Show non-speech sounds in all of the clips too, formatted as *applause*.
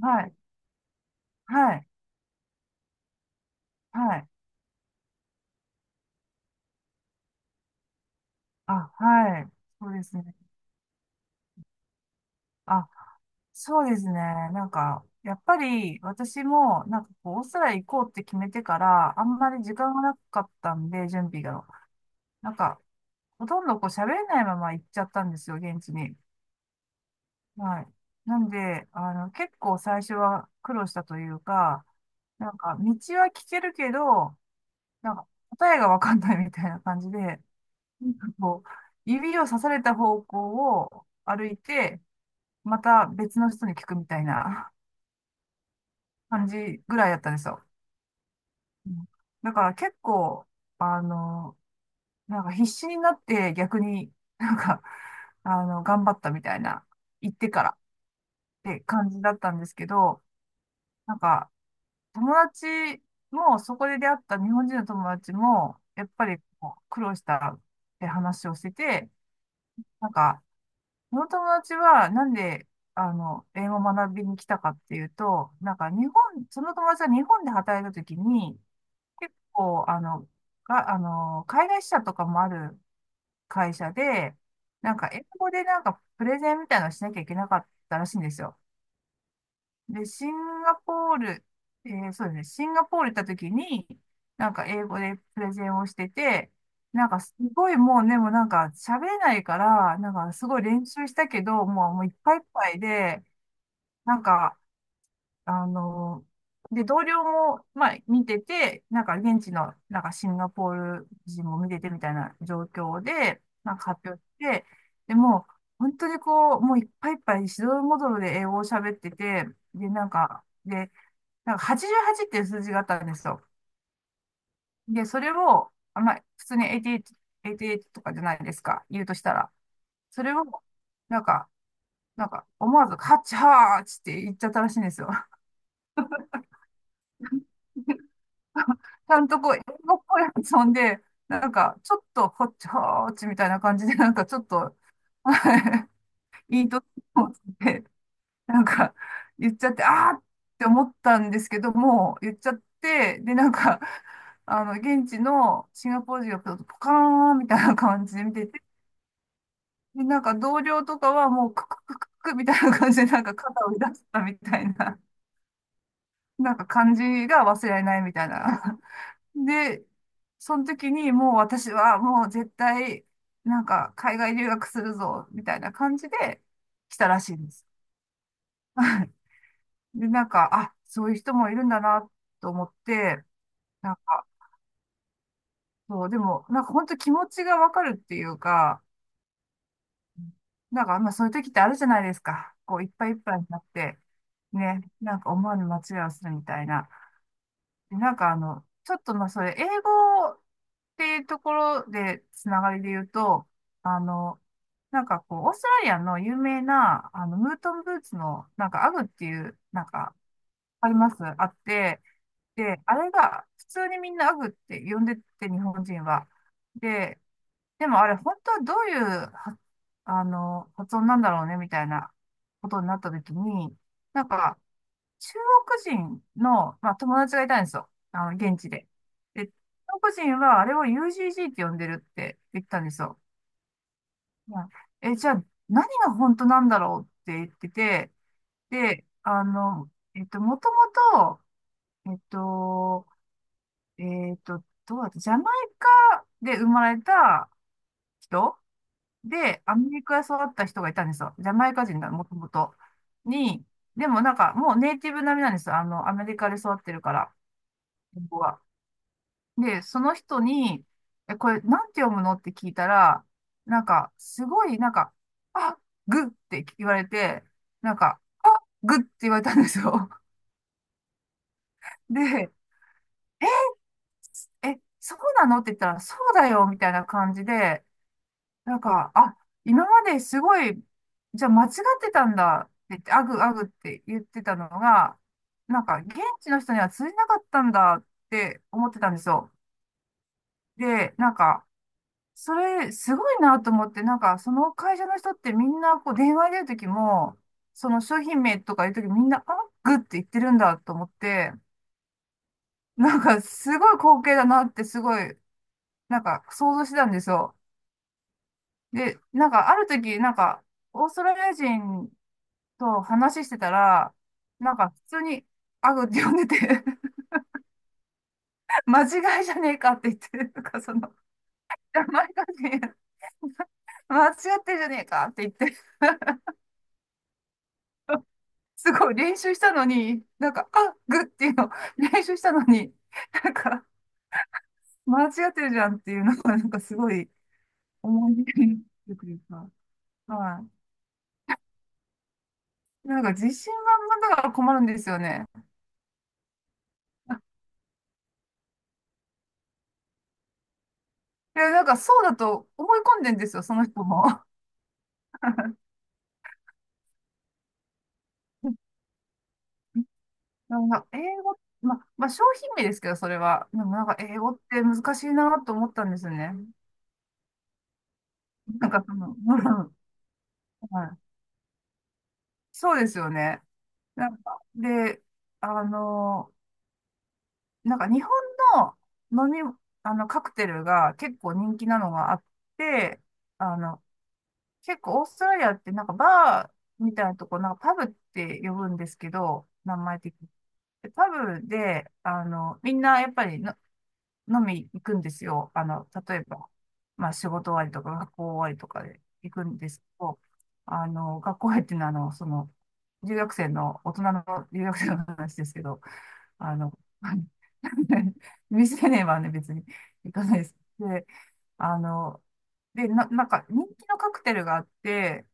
はい、はい、はい。あ、はい。そうですね。あ、そうですね。なんか、やっぱり私も、なんかこう、オーストラリア行こうって決めてから、あんまり時間がなかったんで、準備が。なんか、ほとんどこう、喋れないまま行っちゃったんですよ、現地に。はい。なんで、結構最初は苦労したというか、なんか、道は聞けるけど、なんか、答えがわかんないみたいな感じで、なんかこう、指を刺された方向を歩いて、また別の人に聞くみたいな感じぐらいだったんですよ。うん。だから結構、あの、なんか必死になって逆になんか、頑張ったみたいな、言ってからって感じだったんですけど、なんか友達もそこで出会った日本人の友達も、やっぱりこう苦労したって話をしてて、なんか、その友達は、なんで、英語を学びに来たかっていうと、なんか日本、その友達は日本で働いたときに、結構、が、海外支社とかもある会社で、なんか英語でなんかプレゼンみたいなのをしなきゃいけなかったらしいんですよ。で、シンガポール、そうですね、シンガポール行った時に、なんか英語でプレゼンをしてて、なんかすごいもうね、もうなんか喋れないから、なんかすごい練習したけど、もう、もういっぱいいっぱいで、なんか、あの、で、同僚も、まあ、見てて、なんか現地の、なんかシンガポール人も見ててみたいな状況で、なんか発表して、でもう、本当にこう、もういっぱいいっぱい、しどろもどろで英語を喋ってて、で、なんか、で、なんか88っていう数字があったんですよ。で、それを、普通に88、88とかじゃないですか、言うとしたら。それを、なんか、なんか、思わず、ハッチハーチって言っちゃったらしいんですよ。*laughs* ちゃんとこう、英語っぽい発音で、なんか、ちょっと、ホッチハーチみたいな感じで、なんか、ちょっと、*laughs* いいいと思ってなんか、言っちゃって、あーって思ったんですけども、言っちゃって、で、なんか、現地のシンガポール人がポカーンみたいな感じで見てて、で、なんか同僚とかはもうクククククみたいな感じで、なんか肩を出したみたいな、なんか感じが忘れられないみたいな。で、その時にもう私はもう絶対、なんか海外留学するぞ、みたいな感じで来たらしいです。で、なんか、あ、そういう人もいるんだなと思って、なんか、そう、でも、なんか本当気持ちがわかるっていうか、なんか、まあそういう時ってあるじゃないですか。こう、いっぱいいっぱいになって、ね、なんか思わぬ間違いをするみたいな。で、なんかあの、ちょっとまあそれ、英語っていうところで、つながりで言うと、あの、なんかこう、オーストラリアの有名な、ムートンブーツの、なんか、アグっていう、なんか、ありますあって、で、あれが、普通にみんなアグって呼んでて、日本人は。で、でもあれ、本当はどういうは、発音なんだろうね、みたいなことになった時に、なんか、中国人の、まあ、友達がいたんですよ。現地で。で、中国人はあれを UGG って呼んでるって言ったんですよ。うん。え、じゃあ、何が本当なんだろうって言ってて、で、もともと、どうだったジャマイカで生まれた人で、アメリカで育った人がいたんですよ。ジャマイカ人がもともと。に、でもなんかもうネイティブ並みなんですよ。アメリカで育ってるから、英は。で、その人に、え、これなんて読むのって聞いたら、なんか、すごい、なんか、あ、グって言われて、なんか、あ、グって言われたんですよ。*laughs* で、え、そうなのって言ったら、そうだよ、みたいな感じで、なんか、あ、今まですごい、じゃあ間違ってたんだって言って、アグアグって言ってたのが、なんか現地の人には通じなかったんだって思ってたんですよ。で、なんか、それすごいなと思って、なんかその会社の人ってみんなこう電話でるときも、その商品名とか言うときみんなアグって言ってるんだと思って、なんかすごい光景だなってすごい、なんか想像してたんですよ。で、なんかある時、なんか、オーストラリア人そう、話してたら、なんか普通に、アグって呼んでて *laughs* 間違いじゃねえかって言って、なんかその、前がね間違ってんじゃねえかって言って、すごい練習したのに、なんか、あ、グっていうの、練習したのに、なんか、間違ってるじゃんっていうのが、なんかすごい思い出になるというか、はい。なんか自信満々だから困るんですよね。いや、なんかそうだと思い込んでんですよ、その人も。*laughs* なんか英語、まあ、商品名ですけど、それは。でもなんか英語って難しいなと思ったんですよね。なんかその、*laughs* うん。はい。そうですよね。なんか、で、あの、なんか日本の飲み、カクテルが結構人気なのがあって、あの、結構オーストラリアってなんかバーみたいなとこ、なんかパブって呼ぶんですけど、名前的に。でパブで、みんなやっぱりの飲み行くんですよ。例えば、まあ仕事終わりとか学校終わりとかで行くんですけど、学校終わりっていうのは、留学生の、大人の留学生の話ですけど、あの、*laughs* 未成年はね、別に行かないです。で、あの、で、なんか人気のカクテルがあって、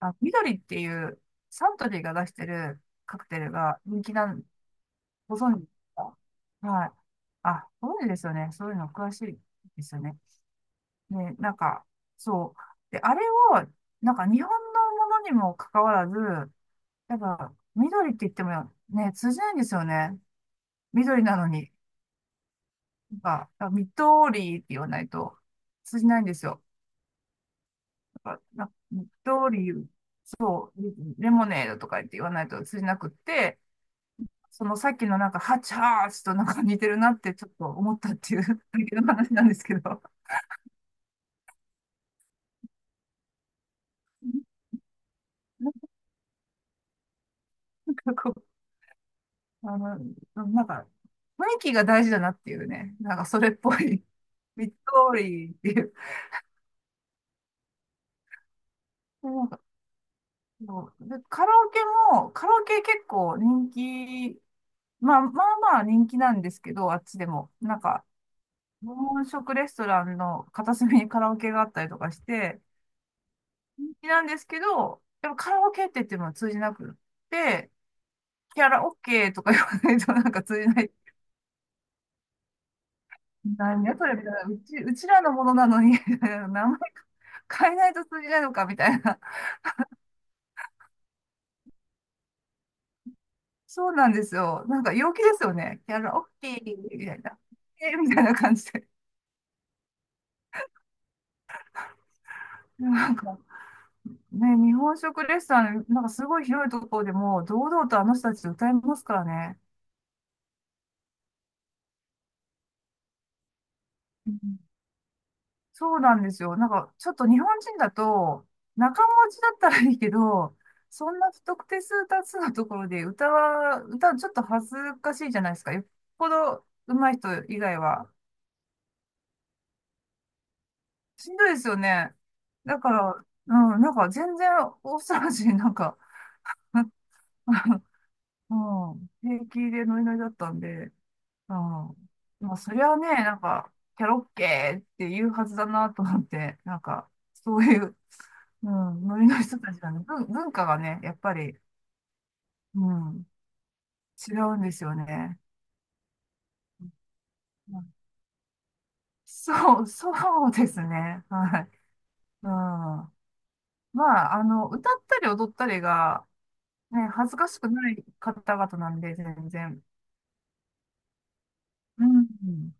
あ、緑っていうサントリーが出してるカクテルが人気なん。ご存知ですか？はい。あ、ご存知ですよね。そういうの詳しいですよね。ね、なんか、そう。で、あれを、なんか日本のものにもかかわらず、やっぱ、緑って言ってもね、通じないんですよね。緑なのに。なんか、緑って言わないと通じないんですよ。なんか、なんか緑、レモネードとか言って言わないと通じなくって、そのさっきのなんか、ハチハーチとなんか似てるなってちょっと思ったっていうだけの話なんですけど。なんかこう、なんか、雰囲気が大事だなっていうね。なんかそれっぽい。*laughs* ミッド通りっていう。でなんかこうでカラオケも、カラオケ結構人気、まあまあまあ人気なんですけど、あっちでも。なんか、日本食レストランの片隅にカラオケがあったりとかして、人気なんですけど、でもカラオケって言っても通じなくって、キャラオケとか言わないとなんか通じない何やそれみたいな。うちらのものなのに *laughs* 名前変えないと通じないのかみたいな。そうなんですよ。なんか陽気ですよね。キャラ、オッケーみたいな。えーみたいな感じで。なんか、ね、日本食レストラン、なんかすごい広いところでも、堂々とあの人たち歌いますからね。うん。そうなんですよ。なんか、ちょっと日本人だと、仲持ちだったらいいけど、そんな不特定数多数のところで歌は、歌ちょっと恥ずかしいじゃないですか。よっぽど上手い人以外は。しんどいですよね。だから、うん、なんか全然大騒ぎ、オーストラリア人なんか、*laughs* うん、平気でノリノリだったんで。ああ。まあ、そりゃね、なんか、キャロッケーって言うはずだなと思って、なんか、そういう、うん、ノリの人たちはね、文化がね、やっぱり、うん、違うんですよね。うん。そうですね。はい。うん。まあ、歌ったり踊ったりが、ね、恥ずかしくない方々なんで、全然。うん。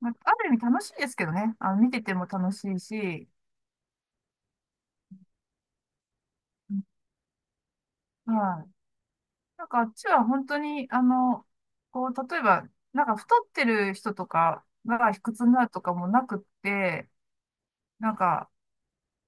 まあ、ある意味楽しいですけどね。見てても楽しいし、うん。はい。なんかあっちは本当に、こう、例えば、なんか太ってる人とかが卑屈になるとかもなくって、なんか、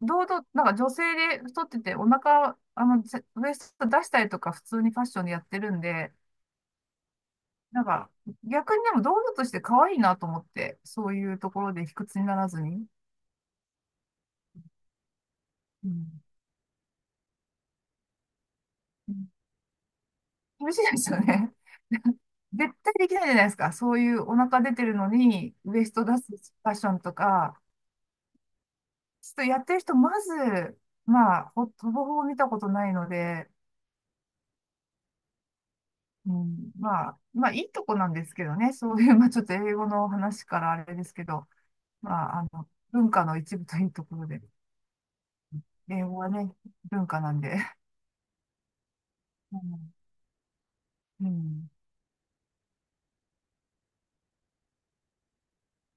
堂々、なんか女性で太っててお腹、ぜウエスト出したりとか普通にファッションでやってるんで、なんか、逆にでも堂々として可愛いなと思って、そういうところで卑屈にならずに。うん。うん。厳しいですよね。*laughs* 絶対できないじゃないですか。そういうお腹出てるのに、ウエスト出すファッションとか、ちょっとやってる人、まず、まあ、ほぼほぼ見たことないので、うん、まあ、まあ、いいとこなんですけどね、*laughs* そういう、まあ、ちょっと英語の話からあれですけど、まあ、文化の一部というところで、英語はね、文化なんで、*laughs* うん、うん